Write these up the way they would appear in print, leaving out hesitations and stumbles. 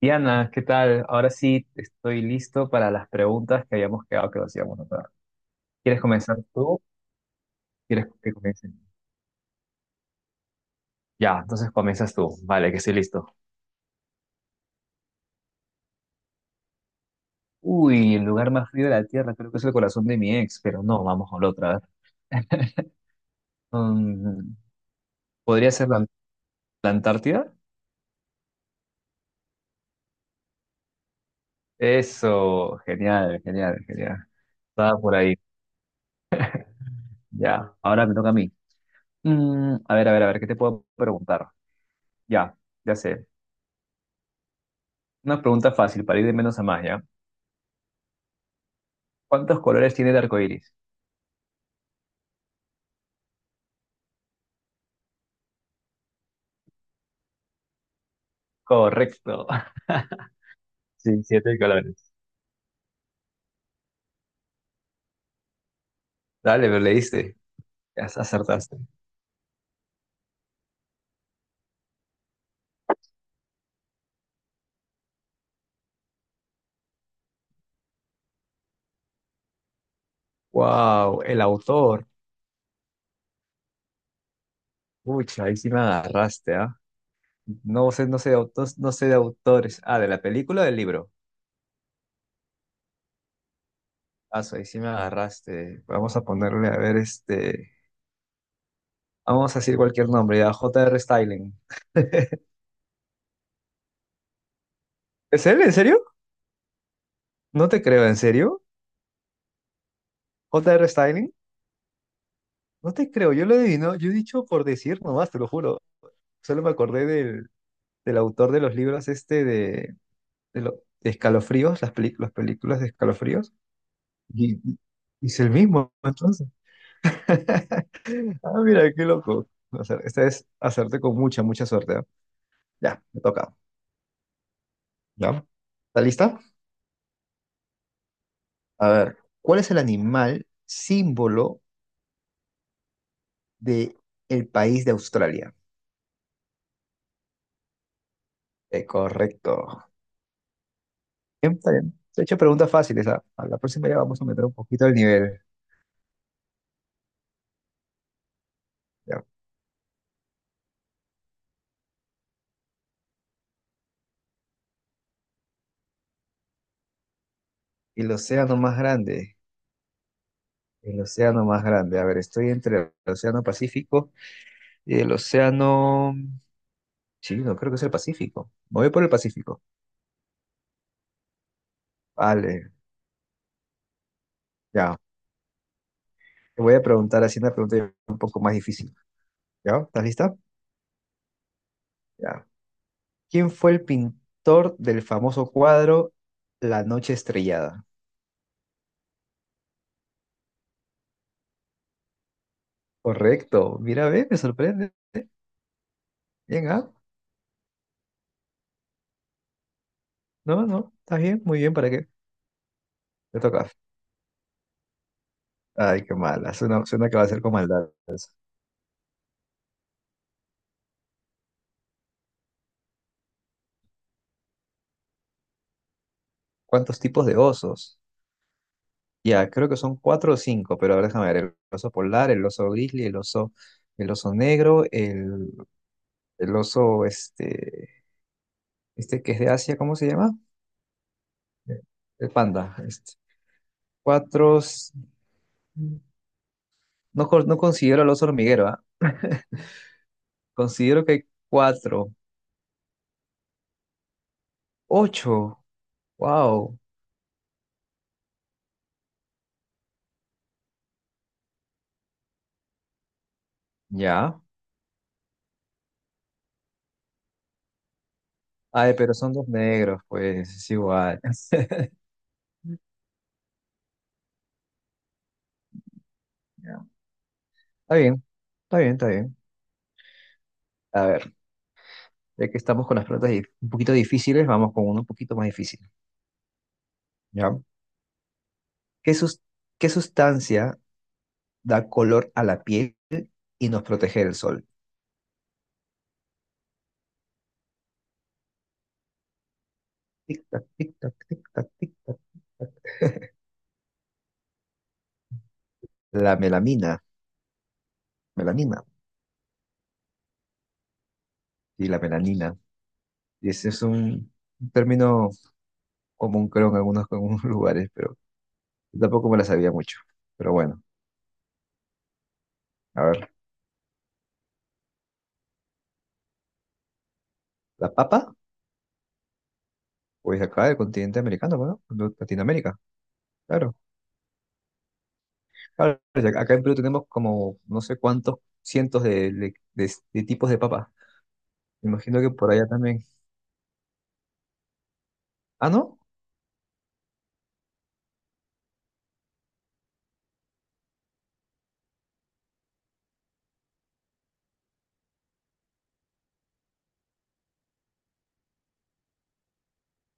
Diana, ¿qué tal? Ahora sí estoy listo para las preguntas que habíamos quedado que nos íbamos a hacer. ¿Quieres comenzar tú? ¿Quieres que comience? Ya, entonces comienzas tú. Vale, que estoy listo. Uy, el lugar más frío de la Tierra creo que es el corazón de mi ex, pero no, vamos con la otra. Mm, ¿podría ser la Antártida? Eso, genial, genial, genial. Estaba por ahí. Ya, ahora me toca a mí. A ver, a ver, a ver, ¿qué te puedo preguntar? Ya, ya sé. Una pregunta fácil para ir de menos a más, ¿ya? ¿Cuántos colores tiene el arco iris? Correcto. Sí, siete colores. Dale, pero leíste. Ya acertaste. Wow, el autor. Pucha, ahí sí me agarraste, ¿ah? No sé, no sé de autos, no sé de autores. Ah, de la película o del libro. Ah, so, ahí sí me agarraste. Vamos a ponerle, a ver, este. Vamos a decir cualquier nombre, ya. J. R. Styling. ¿Es él? ¿En serio? No te creo, ¿en serio? ¿J. R. Styling? No te creo, yo lo adivino, yo he dicho por decir nomás, te lo juro. Solo me acordé del autor de los libros este de Escalofríos, las películas de Escalofríos. Y, y es el mismo, entonces. Ah, mira, qué loco. O sea, esta es hacerte con mucha, mucha suerte, ¿ah? Ya, me toca. ¿Ya? ¿Está lista? A ver, ¿cuál es el animal símbolo de el país de Australia? Correcto. Bien, está bien. Se he hecho preguntas fáciles, ¿ah? A la próxima ya vamos a meter un poquito el nivel. ¿Ya? El océano más grande. El océano más grande. A ver, estoy entre el océano Pacífico y el océano Chino, creo que es el Pacífico. Me voy por el Pacífico. Vale, ya. Te voy a preguntar así una pregunta un poco más difícil. ¿Ya? ¿Estás lista? Ya. ¿Quién fue el pintor del famoso cuadro La Noche Estrellada? Correcto. Mira, ve, me sorprende. Bien, ¿ah? No, no, está bien, muy bien, ¿para qué? Te toca. Ay, qué mala. Suena, suena que va a ser con maldad. Eso. ¿Cuántos tipos de osos? Ya, creo que son cuatro o cinco, pero a ver, déjame ver. El oso polar, el oso grizzly, el oso negro, el oso este, este que es de Asia, ¿cómo se llama? Eh, El panda. Este. Cuatro. No, no considero al oso hormiguero, ¿ah? Considero que hay cuatro. Ocho. Wow. Ya. Ay, pero son dos negros, pues es igual. Ya. Está bien, está bien, está bien. A ver, ya que estamos con las un poquito difíciles, vamos con uno un poquito más difícil. ¿Ya? ¿Qué, sus- ¿qué sustancia da color a la piel y nos protege del sol? Tic, tac, tic, tac, tic, tac, tic. La melamina, melanina y la melanina. Y ese es un término común, creo, en algunos lugares, pero yo tampoco me la sabía mucho. Pero bueno, a ver, ¿la papa? Pues acá del continente americano, bueno, de Latinoamérica, claro. Claro, ya. Acá en Perú tenemos como no sé cuántos cientos de tipos de papa. Me imagino que por allá también. Ah, ¿no?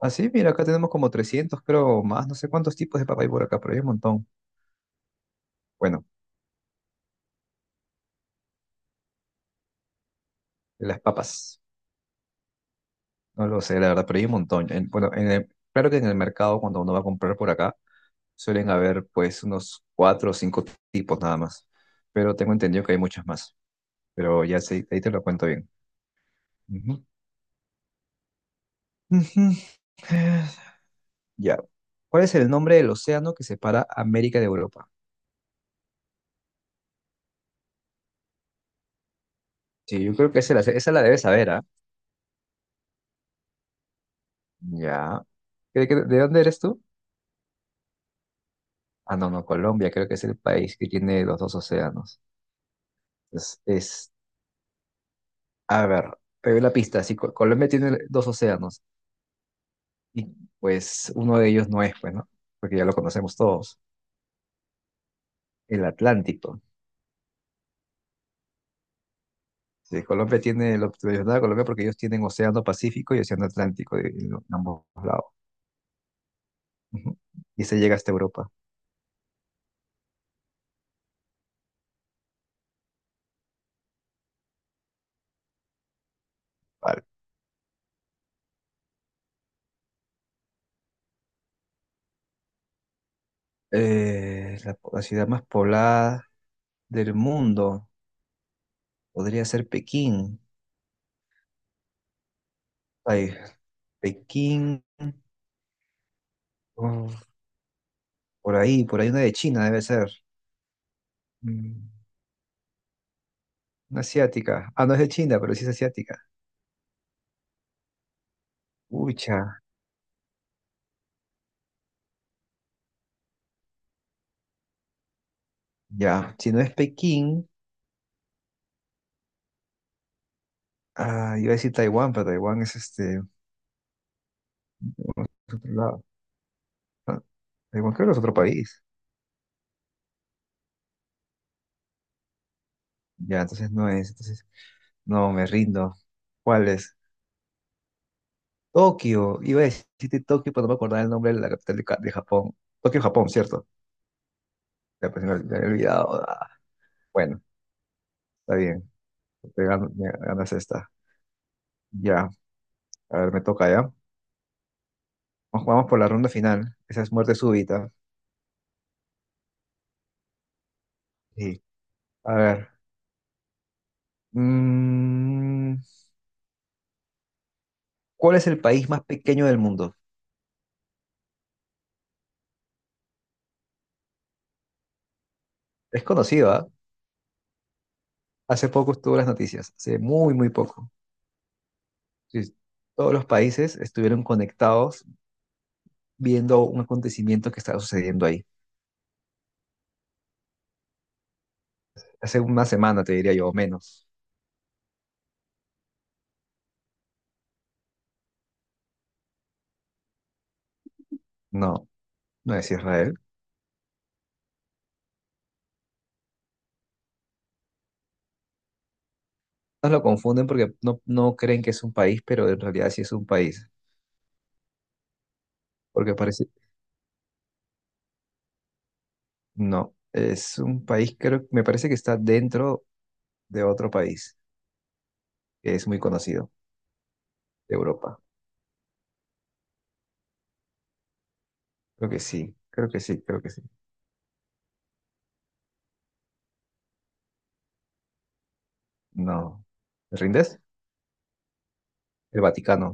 Así, mira, acá tenemos como 300, creo, más, no sé cuántos tipos de papa hay por acá, pero hay un montón. Bueno, de las papas, no lo sé, la verdad, pero hay un montón. Bueno, claro que en el mercado, cuando uno va a comprar por acá, suelen haber pues unos cuatro o cinco tipos nada más, pero tengo entendido que hay muchas más, pero ya sí, ahí te lo cuento bien. Ujú. Ujú. Eh, Ya. ¿Cuál es el nombre del océano que separa América de Europa? Sí, yo creo que esa la debes saber, ¿ah? Ya. ¿De dónde eres tú? Ah, no, no, Colombia creo que es el país que tiene los dos océanos. Es, es, a ver, pero la pista, sí, Colombia tiene dos océanos y pues uno de ellos no es, pues, ¿no? Porque ya lo conocemos todos, el Atlántico. Sí, Colombia tiene, lo tradicional de Colombia porque ellos tienen océano Pacífico y océano Atlántico ambos lados. Ujú. Y se llega hasta Europa. Vale. La ciudad más poblada del mundo podría ser Pekín. Ay, Pekín. Oh, por ahí, por ahí una de China debe ser. Mm, Una asiática. Ah, no es de China, pero sí es asiática. Ucha, ya. Si no es Pekín, ah, iba a decir Taiwán, pero Taiwán es este, es otro lado. Ah, Taiwán creo que es otro país. Ya, entonces no es. Entonces, no, me rindo. ¿Cuál es? Tokio. Iba a decirte Tokio, pero no me acordaba el nombre de la capital de Japón. Tokio, Japón, ¿cierto? Ya, pues me había olvidado. Ah, bueno, está bien. Me ganas esta. Ya. A ver, me toca ya. Nos jugamos por la ronda final. Esa es muerte súbita. Sí. A ver. mm, ¿Cuál es el país más pequeño del mundo? Es conocido, ¿ah? Hace poco estuvo en las noticias. Hace muy, muy poco. Sí. Todos los países estuvieron conectados viendo un acontecimiento que estaba sucediendo ahí. Hace una semana, te diría yo, o menos. No, no es Israel. Nos lo confunden porque no, no creen que es un país, pero en realidad sí es un país. Porque parece... No, es un país, creo, me parece que está dentro de otro país que es muy conocido de Europa. Creo que sí, creo que sí, creo que sí. No. ¿Me rindes? El Vaticano.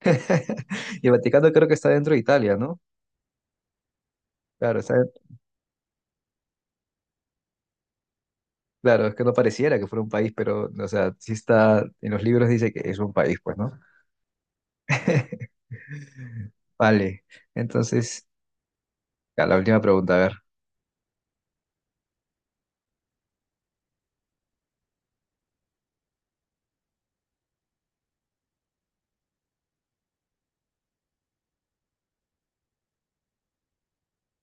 Y el Vaticano creo que está dentro de Italia, ¿no? Claro, está, claro, es que no pareciera que fuera un país, pero, o sea, sí está, en los libros dice que es un país, pues, ¿no? Vale, entonces, ya, la última pregunta, a ver.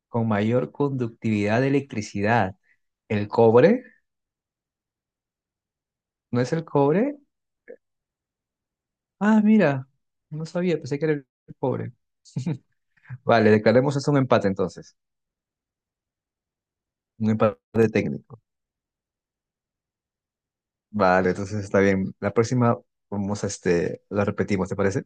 Con mayor conductividad de electricidad, ¿el cobre? ¿No es el cobre? Ah, mira, no sabía, pensé que era el cobre. Vale, declaremos eso un empate entonces. Un empate técnico. Vale, entonces está bien. La próxima vamos a este, la repetimos, ¿te parece?